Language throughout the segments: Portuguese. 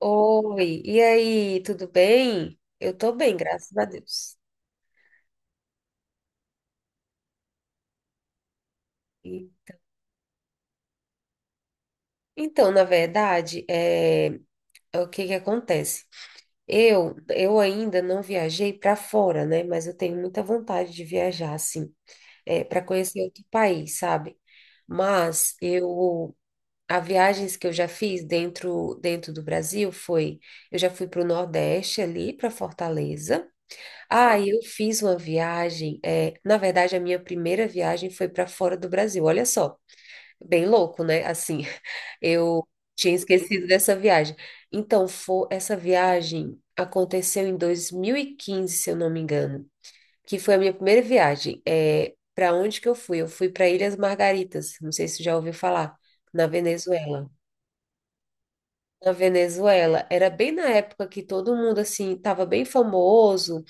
Oi, e aí, tudo bem? Eu tô bem, graças a Deus. E- Então, na verdade, é o que que acontece? Eu ainda não viajei para fora, né? Mas eu tenho muita vontade de viajar, assim, para conhecer outro país, sabe? Mas eu, as viagens que eu já fiz dentro do Brasil foi, eu já fui para o Nordeste ali, para Fortaleza. Ah, eu fiz uma viagem. Na verdade, a minha primeira viagem foi para fora do Brasil. Olha só, bem louco, né? Assim, eu tinha esquecido dessa viagem. Então, foi, essa viagem aconteceu em 2015, se eu não me engano, que foi a minha primeira viagem. É, para onde que eu fui? Eu fui para Ilhas Margaritas. Não sei se você já ouviu falar. Na Venezuela. Na Venezuela, era bem na época que todo mundo assim estava bem famoso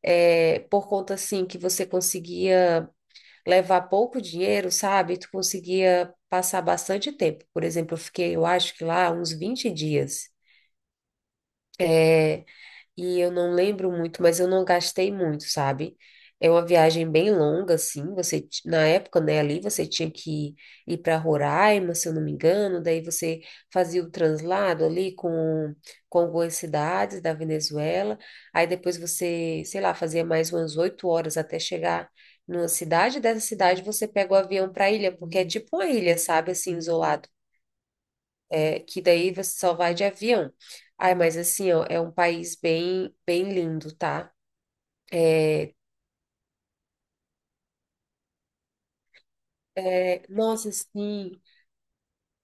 por conta assim que você conseguia levar pouco dinheiro, sabe? Tu conseguia passar bastante tempo. Por exemplo, eu fiquei, eu acho que lá uns 20 dias. eh, e eu não lembro muito, mas eu não gastei muito, sabe? É uma viagem bem longa, assim. Você, na época, né, ali você tinha que ir para Roraima, se eu não me engano, daí você fazia o translado ali com algumas cidades da Venezuela. Aí depois você, sei lá, fazia mais umas 8 horas até chegar numa cidade. Dessa cidade você pega o avião para a ilha, porque é tipo uma ilha, sabe, assim, isolado. É, que daí você só vai de avião. Ai, mas assim, ó, é um país bem, bem lindo, tá? É, Nossa, sim.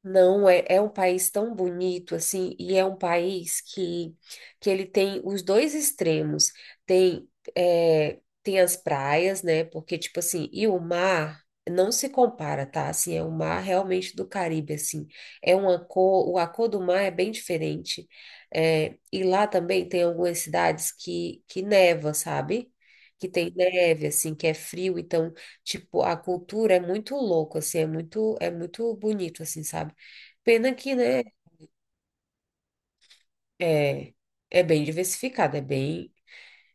Não, é, É um país tão bonito assim, e é um país que ele tem os dois extremos. Tem, é, tem as praias, né? Porque, tipo assim, e o mar não se compara, tá? Assim, é o mar realmente do Caribe, assim. É uma cor, o a cor do mar é bem diferente. É, e lá também tem algumas cidades que neva, sabe? Que tem neve, assim, que é frio, então, tipo, a cultura é muito louca, assim, é muito bonito, assim, sabe? Pena que, né, é, é bem diversificado, é bem,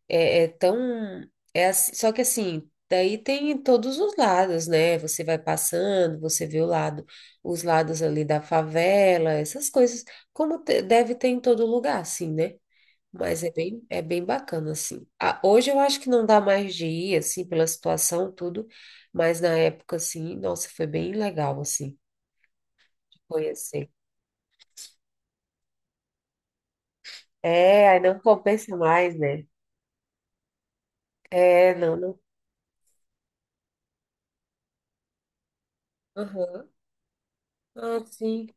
é, é tão, Só que assim, daí tem todos os lados, né, você vai passando, você vê o lado, os lados ali da favela, essas coisas, deve ter em todo lugar, assim, né, mas é bem bacana, assim. Ah, hoje eu acho que não dá mais de ir, assim, pela situação, tudo, mas na época, assim, nossa, foi bem legal, assim, de conhecer. É, aí não compensa mais, né? É, não, não. Aham. Ah, sim.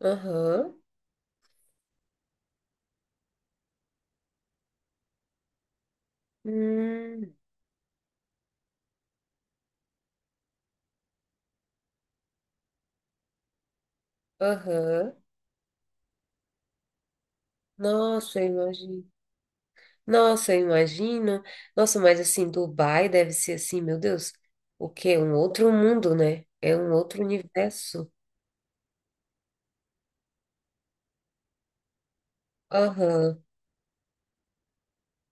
Aham. Hum. Aham. Nossa, eu imagino. Nossa, eu imagino. Nossa, mas assim, Dubai deve ser assim, meu Deus. O quê? Um outro mundo, né? É um outro universo. Aham.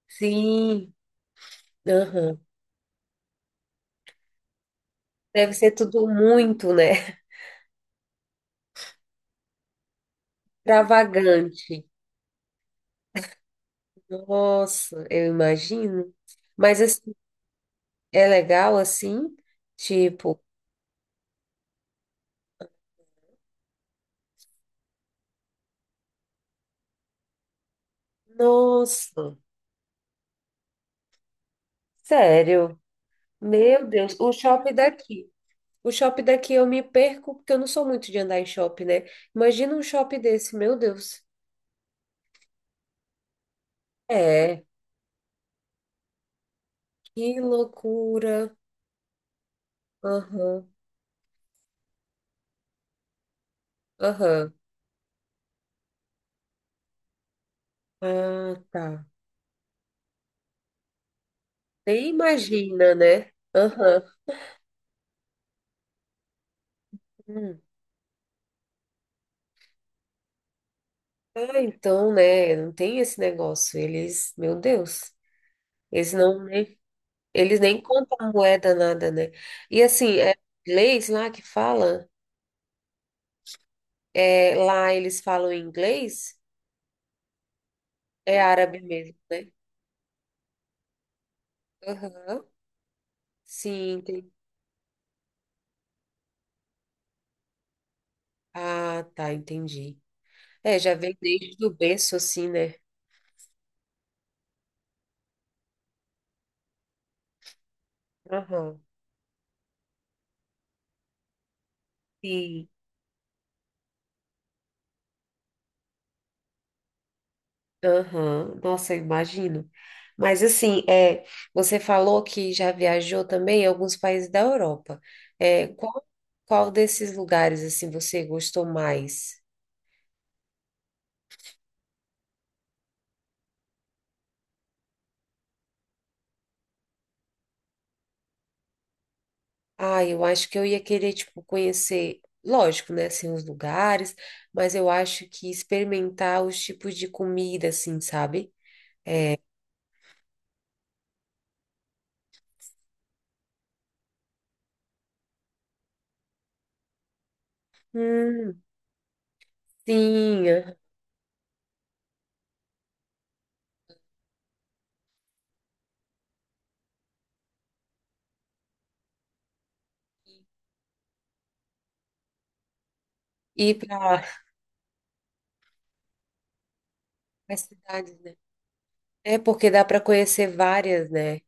Sim. Aham. Deve ser tudo muito, né? Extravagante. Nossa, eu imagino. Mas assim, é legal assim? Tipo, nossa, sério. Meu Deus, o shopping daqui. O shopping daqui eu me perco porque eu não sou muito de andar em shopping, né? Imagina um shopping desse, meu Deus. É, que loucura. Aham, aham. Ah, tá. Nem imagina, né? Aham. Hum. Ah, então, né? Não tem esse negócio. Eles, meu Deus, eles não, né? Eles nem contam moeda, nada, né? E assim, é inglês lá que fala, é, lá eles falam inglês, é árabe mesmo, né? Aham. Sim, entendi. Ah, tá, entendi. É, já vem desde o berço, assim, né? Aham. Sim. Aham. Nossa, eu imagino. Mas assim, é, você falou que já viajou também em alguns países da Europa. É, qual, qual desses lugares, assim, você gostou mais? Ah, eu acho que eu ia querer, tipo, conhecer, lógico, né, assim, os lugares, mas eu acho que experimentar os tipos de comida, assim, sabe? Hum, Sim, aham. Ir para as cidades, né? É porque dá para conhecer várias, né?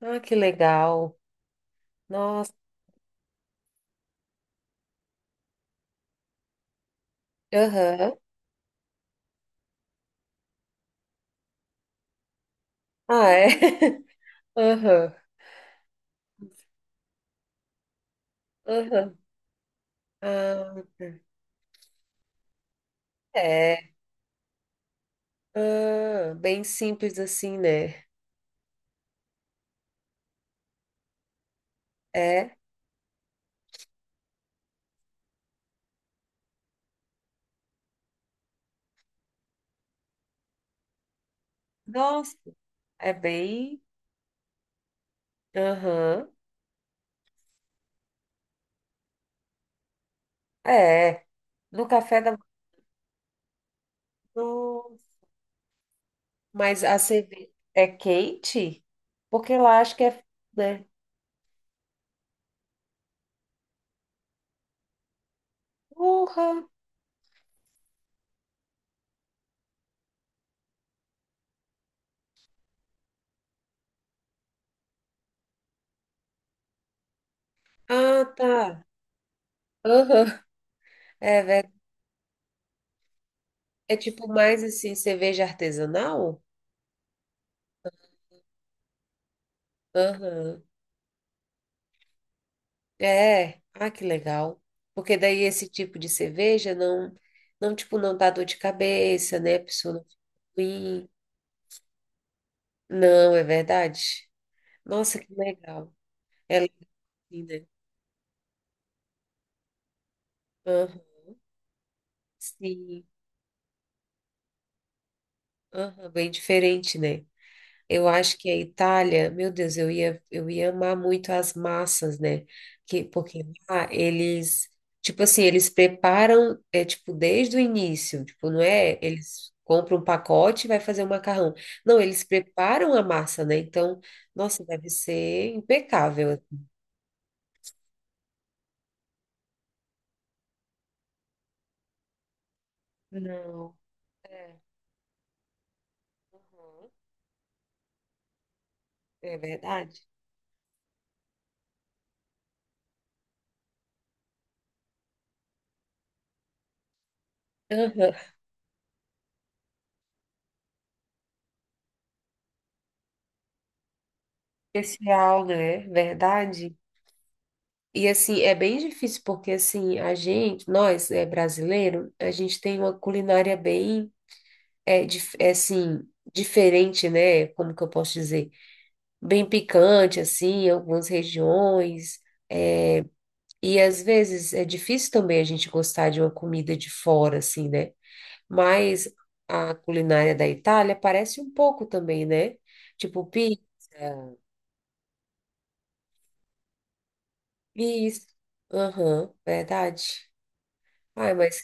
Ah, que legal. Nossa, aham. Ah, é? Aham, aham. Ah, tá. É. Ah, bem simples assim, né? É. Nossa, é bem. Aham. É. No café da manhã. Mas a cerveja é quente? Porque lá acho que é, né? Porra! Ah, tá. Aham. É, vé- É tipo mais assim, cerveja artesanal? Aham. É. Ah, que legal. Porque daí esse tipo de cerveja não, não, tipo, não dá dor de cabeça, né? A pessoa não fica ruim. Não, é verdade. Nossa, que legal. Ela é legal, assim, né? Aham. Sim. Aham, bem diferente, né? Eu acho que a Itália, meu Deus, eu ia amar muito as massas, né? Que, porque lá eles, tipo assim, eles preparam, é tipo, desde o início, tipo, não é, eles compram um pacote e vai fazer o macarrão. Não, eles preparam a massa, né? Então, nossa, deve ser impecável. Não, é, uhum, é verdade. Aham. Especial, né? Verdade. E assim, é bem difícil porque assim, a gente, nós é brasileiro, a gente tem uma culinária bem é, assim, diferente, né? Como que eu posso dizer? Bem picante assim, em algumas regiões. E às vezes é difícil também a gente gostar de uma comida de fora assim, né? Mas a culinária da Itália parece um pouco também, né? Tipo pizza, isso. Aham, verdade. Ai, mas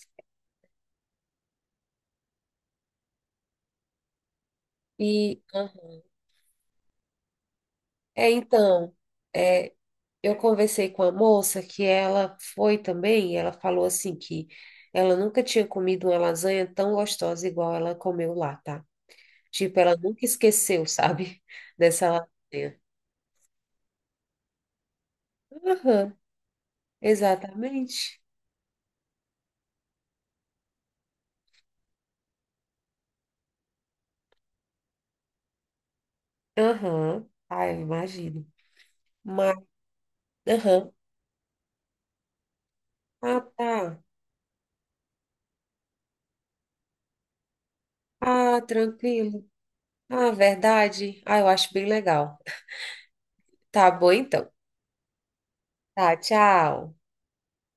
e É, então, é, eu conversei com a moça que ela foi também, e ela falou assim que ela nunca tinha comido uma lasanha tão gostosa igual ela comeu lá, tá? Tipo, ela nunca esqueceu, sabe? Dessa lasanha. Aham, exatamente. Aham. Ah, eu imagino. Mas, aham. Ah, tá. Ah, tranquilo. Ah, verdade. Ah, eu acho bem legal. Tá bom, então. Tá, tchau.